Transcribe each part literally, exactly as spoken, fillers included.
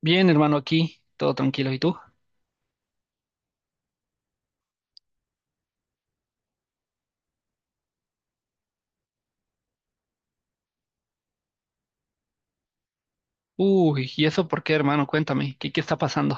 Bien, hermano, aquí, todo tranquilo. ¿Y tú? Uy, ¿y eso por qué, hermano? Cuéntame, ¿qué, qué está pasando?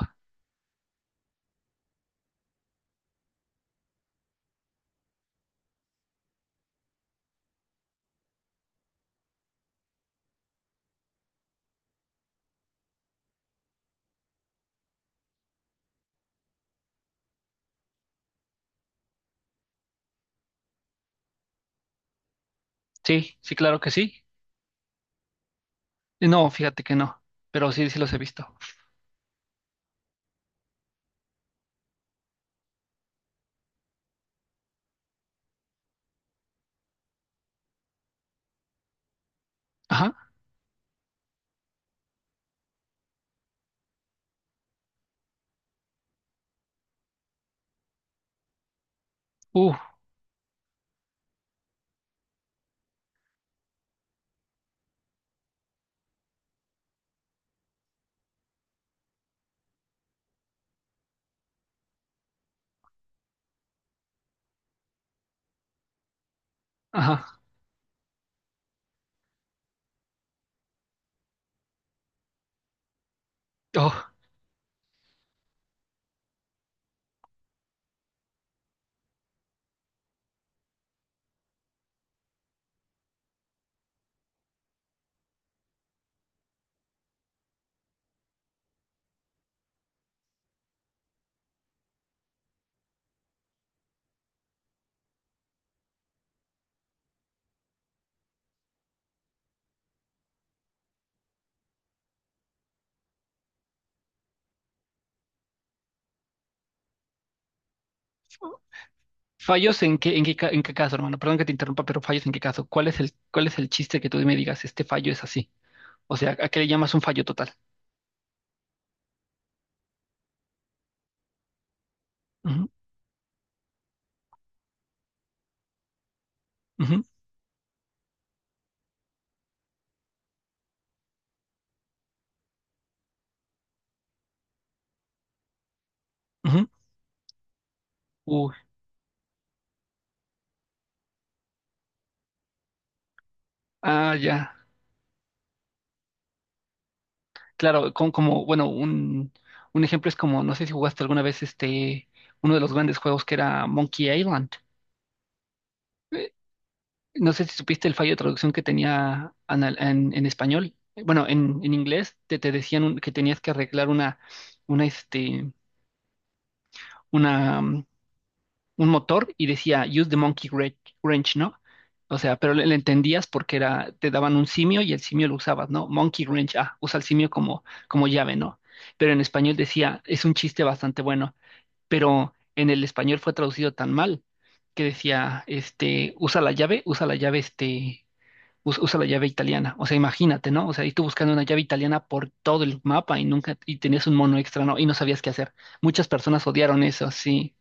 Sí, sí, claro que sí. Eh, No, fíjate que no, pero sí, sí los he visto. Ajá, uh, ajá. Oh. ¿Fallos en qué, en qué, ca- en qué caso, hermano? Perdón que te interrumpa, pero fallos en qué caso. ¿Cuál es el, cuál es el chiste que tú me digas, este fallo es así? O sea, ¿a qué le llamas un fallo total? Ujú, ujú, ujú. Uy, ah, ya. Claro, con, como, bueno, un, un ejemplo es como, no sé si jugaste alguna vez este, uno de los grandes juegos que era Monkey Island. Eh, No sé si supiste el fallo de traducción que tenía anal- en, en español. Eh, Bueno, en, en inglés te, te decían un- que tenías que arreglar una, una, este, una, mm, un motor y decía use the monkey wren- wrench, ¿no? O sea, pero le, le entendías porque era, te daban un simio y el simio lo usabas, ¿no? Monkey wrench, ah, usa el simio como, como llave, ¿no? Pero en español decía, es un chiste bastante bueno. Pero en el español fue traducido tan mal que decía, este, usa la llave, usa la llave, este, us- usa la llave italiana. O sea, imagínate, ¿no? O sea, y tú buscando una llave italiana por todo el mapa y nunca, y tenías un mono extra, ¿no? Y no sabías qué hacer. Muchas personas odiaron eso, sí,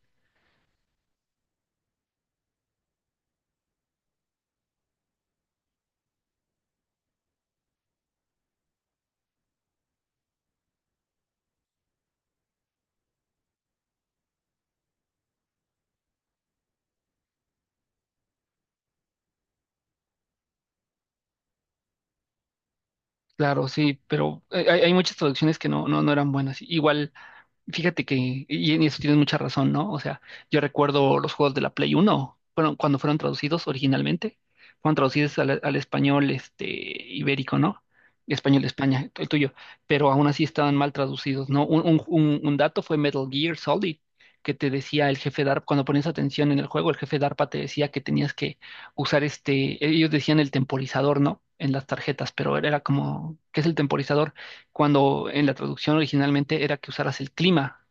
claro, sí, pero hay, hay hay muchas traducciones que no, no, no eran buenas. Igual. Fíjate que, y en eso tienes mucha razón, ¿no? O sea, yo recuerdo los juegos de la Play Uno, bueno, cuando fueron traducidos originalmente, fueron traducidos al, al español este, ibérico, ¿no? Español de España, el tuyo, pero aún así estaban mal traducidos, ¿no? Un, un- un- un dato fue Metal Gear Solid, que te decía el jefe DARPA, cuando ponías atención en el juego, el jefe DARPA te decía que tenías que usar este, ellos decían el temporizador, ¿no? En las tarjetas, pero era era como, ¿qué es el temporizador? Cuando en la traducción originalmente era que usaras el clima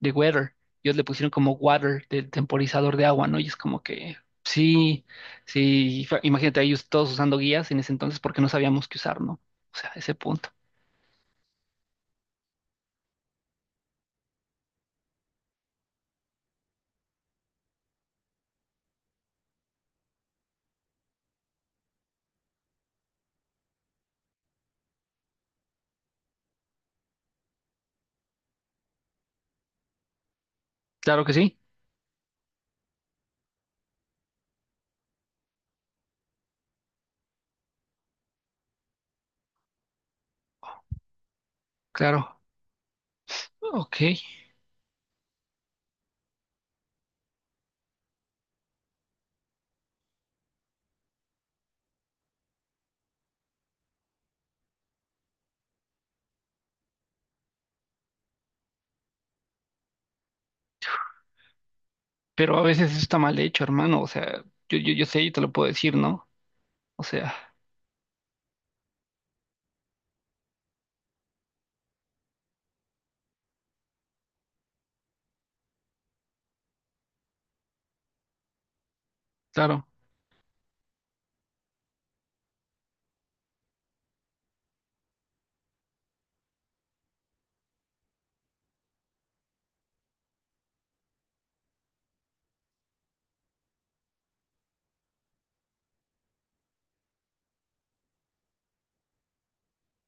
de weather. Ellos le pusieron como water, del temporizador de agua, ¿no? Y es como que, sí, sí, fa- imagínate ellos todos usando guías en ese entonces porque no sabíamos qué usar, ¿no? O sea, ese punto. Claro que sí, claro, ok. Pero a veces eso está mal hecho, hermano. O sea, yo, yo, yo sé y te lo puedo decir, ¿no? O sea, claro,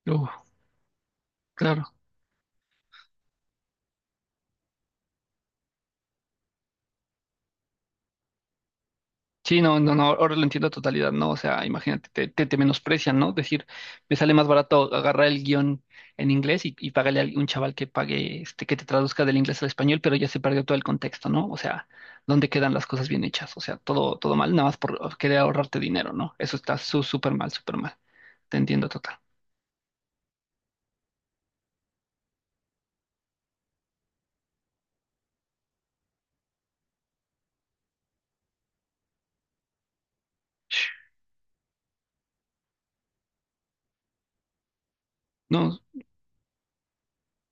luego, claro. Sí, no, no, no, ahora lo entiendo a totalidad, ¿no? O sea, imagínate, te, te, te menosprecian, ¿no? Decir, me sale más barato agarrar el guión en inglés y, y pagarle a un chaval que pague, este, que te traduzca del inglés al español, pero ya se perdió todo el contexto, ¿no? O sea, ¿dónde quedan las cosas bien hechas? O sea, todo, todo mal, nada más por oh, querer ahorrarte dinero, ¿no? Eso está su- súper mal, súper mal. Te entiendo total. No,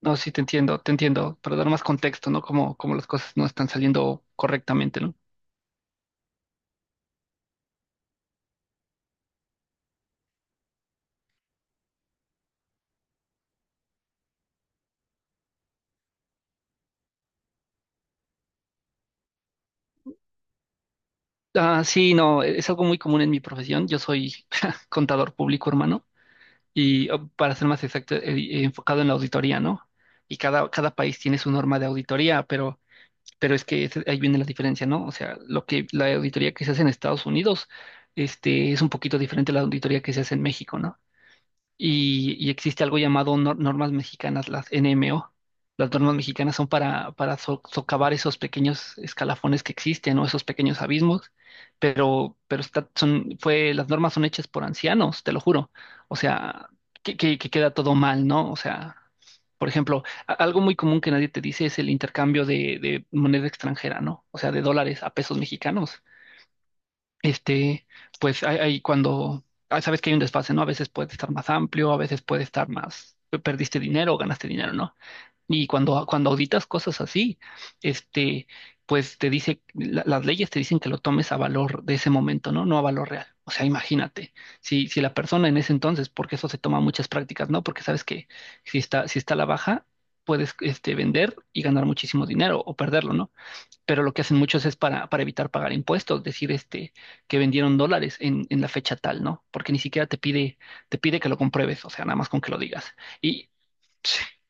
no, sí, te entiendo, te entiendo, para dar más contexto, ¿no? Como, como las cosas no están saliendo correctamente, ¿no? Ah, sí, no, es algo muy común en mi profesión. Yo soy contador público, hermano, y oh, para ser más exacto, eh, eh, enfocado en la auditoría, ¿no? Y cada, cada país tiene su norma de auditoría, pero, pero es que ese- ahí viene la diferencia, ¿no? O sea, lo que la auditoría que se hace en Estados Unidos, este, es un poquito diferente a la auditoría que se hace en México, ¿no? Y, y existe algo llamado nor- normas mexicanas, las N M O. Las normas mexicanas son para, para so- socavar esos pequeños escalafones que existen o esos pequeños abismos, pero, pero está, son, fue, las normas son hechas por ancianos, te lo juro. O sea, que, que, que queda todo mal, ¿no? O sea, por ejemplo, a- algo muy común que nadie te dice es el intercambio de, de moneda extranjera, ¿no? O sea, de dólares a pesos mexicanos este, pues hay, hay cuando ah, sabes que hay un desfase, ¿no? A veces puede estar más amplio, a veces puede estar más, pe- perdiste dinero o ganaste dinero, ¿no? Y cuando, cuando auditas cosas así, este, pues te dice, la- las leyes te dicen que lo tomes a valor de ese momento, ¿no? No a valor real. O sea, imagínate, si, si la persona en ese entonces, porque eso se toma muchas prácticas, ¿no? Porque sabes que si está, si está a la baja, puedes este, vender y ganar muchísimo dinero o perderlo, ¿no? Pero lo que hacen muchos es para, para evitar pagar impuestos, decir este, que vendieron dólares en, en la fecha tal, ¿no? Porque ni siquiera te pide, te pide que lo compruebes, o sea, nada más con que lo digas. Y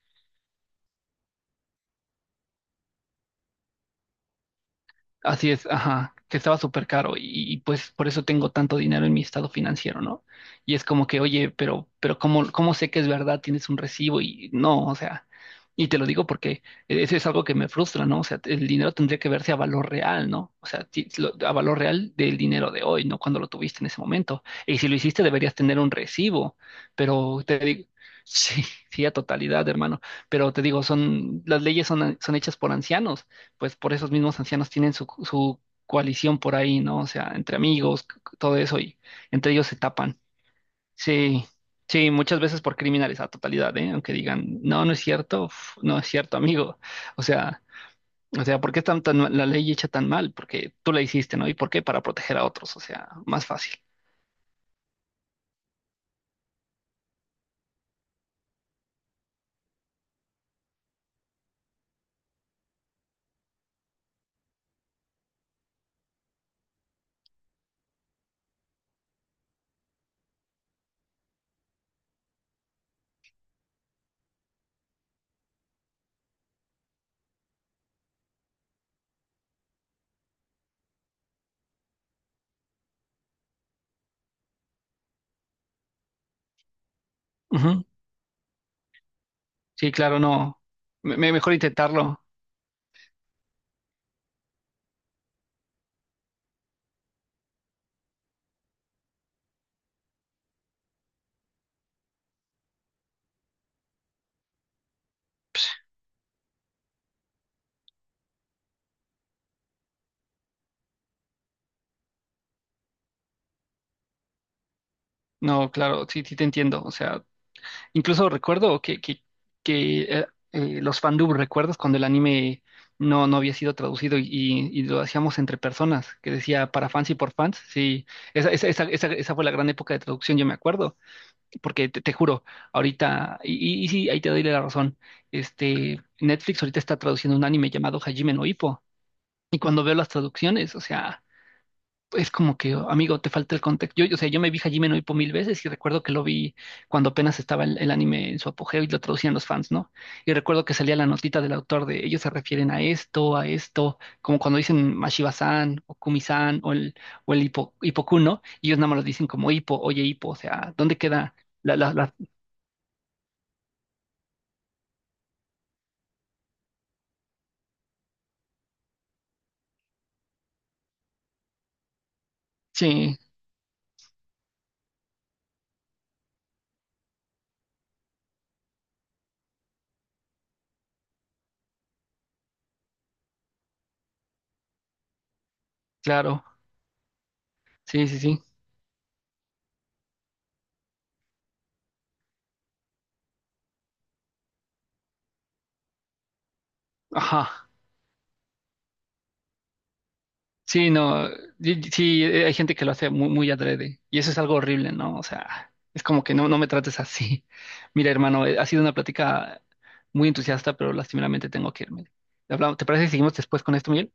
así es, ajá, que estaba súper caro y, y, pues por eso tengo tanto dinero en mi estado financiero, ¿no? Y es como que, oye, pero, pero ¿cómo, cómo sé que es verdad? Tienes un recibo y no, o sea, y te lo digo porque eso es algo que me frustra, ¿no? O sea, el dinero tendría que verse a valor real, ¿no? O sea, ti- lo- a valor real del dinero de hoy, no cuando lo tuviste en ese momento. Y si lo hiciste deberías tener un recibo, pero te digo, sí, sí, a totalidad, hermano, pero te digo, son, las leyes son, son hechas por ancianos pues por esos mismos ancianos tienen su, su coalición por ahí, ¿no? O sea, entre amigos, c- c- todo eso, y entre ellos se tapan. Sí, sí, muchas veces por criminales a totalidad, ¿eh? Aunque digan, no, no es cierto, uf, no es cierto, amigo. O sea, o sea, ¿por qué están tan, mal- la ley hecha tan mal? Porque tú la hiciste, ¿no? ¿Y por qué? Para proteger a otros, o sea, más fácil. Ujú. Sí, claro, no. Me, me- mejor intentarlo. No, claro, sí, sí te entiendo. O sea, incluso recuerdo que, que, que eh, eh, los fandub, ¿recuerdas cuando el anime no, no había sido traducido y, y- y lo hacíamos entre personas? Que decía para fans y por fans. Sí, esa, esa, esa, esa, esa fue la gran época de traducción, yo me acuerdo. Porque te, te juro, ahorita, y, y- y sí, ahí te doy la razón. Este, Netflix ahorita está traduciendo un anime llamado Hajime no Ippo. Y cuando veo las traducciones, o sea es como que, amigo, te falta el contexto. Yo, o sea, yo me vi Hajime no Ippo mil veces y recuerdo que lo vi cuando apenas estaba el, el anime en su apogeo y lo traducían los fans, ¿no? Y recuerdo que salía la notita del autor de ellos se refieren a esto, a esto, como cuando dicen Mashiba-san o Kumi-san o el, o el Hippo, Hippoku, ¿no? Y ellos nada más lo dicen como Hippo, oye Hippo, o sea, ¿dónde queda la, la, la... Sí, claro, sí, sí, sí. Ajá. Sí, no, y- y- sí, eh, hay gente que lo hace muy, muy adrede y eso es algo horrible, ¿no? O sea, es como que no, no me trates así. Mira, hermano, eh, ha sido una plática muy entusiasta, pero lastimeramente tengo que irme. Hablamos- ¿Te parece que seguimos después con esto, Miguel?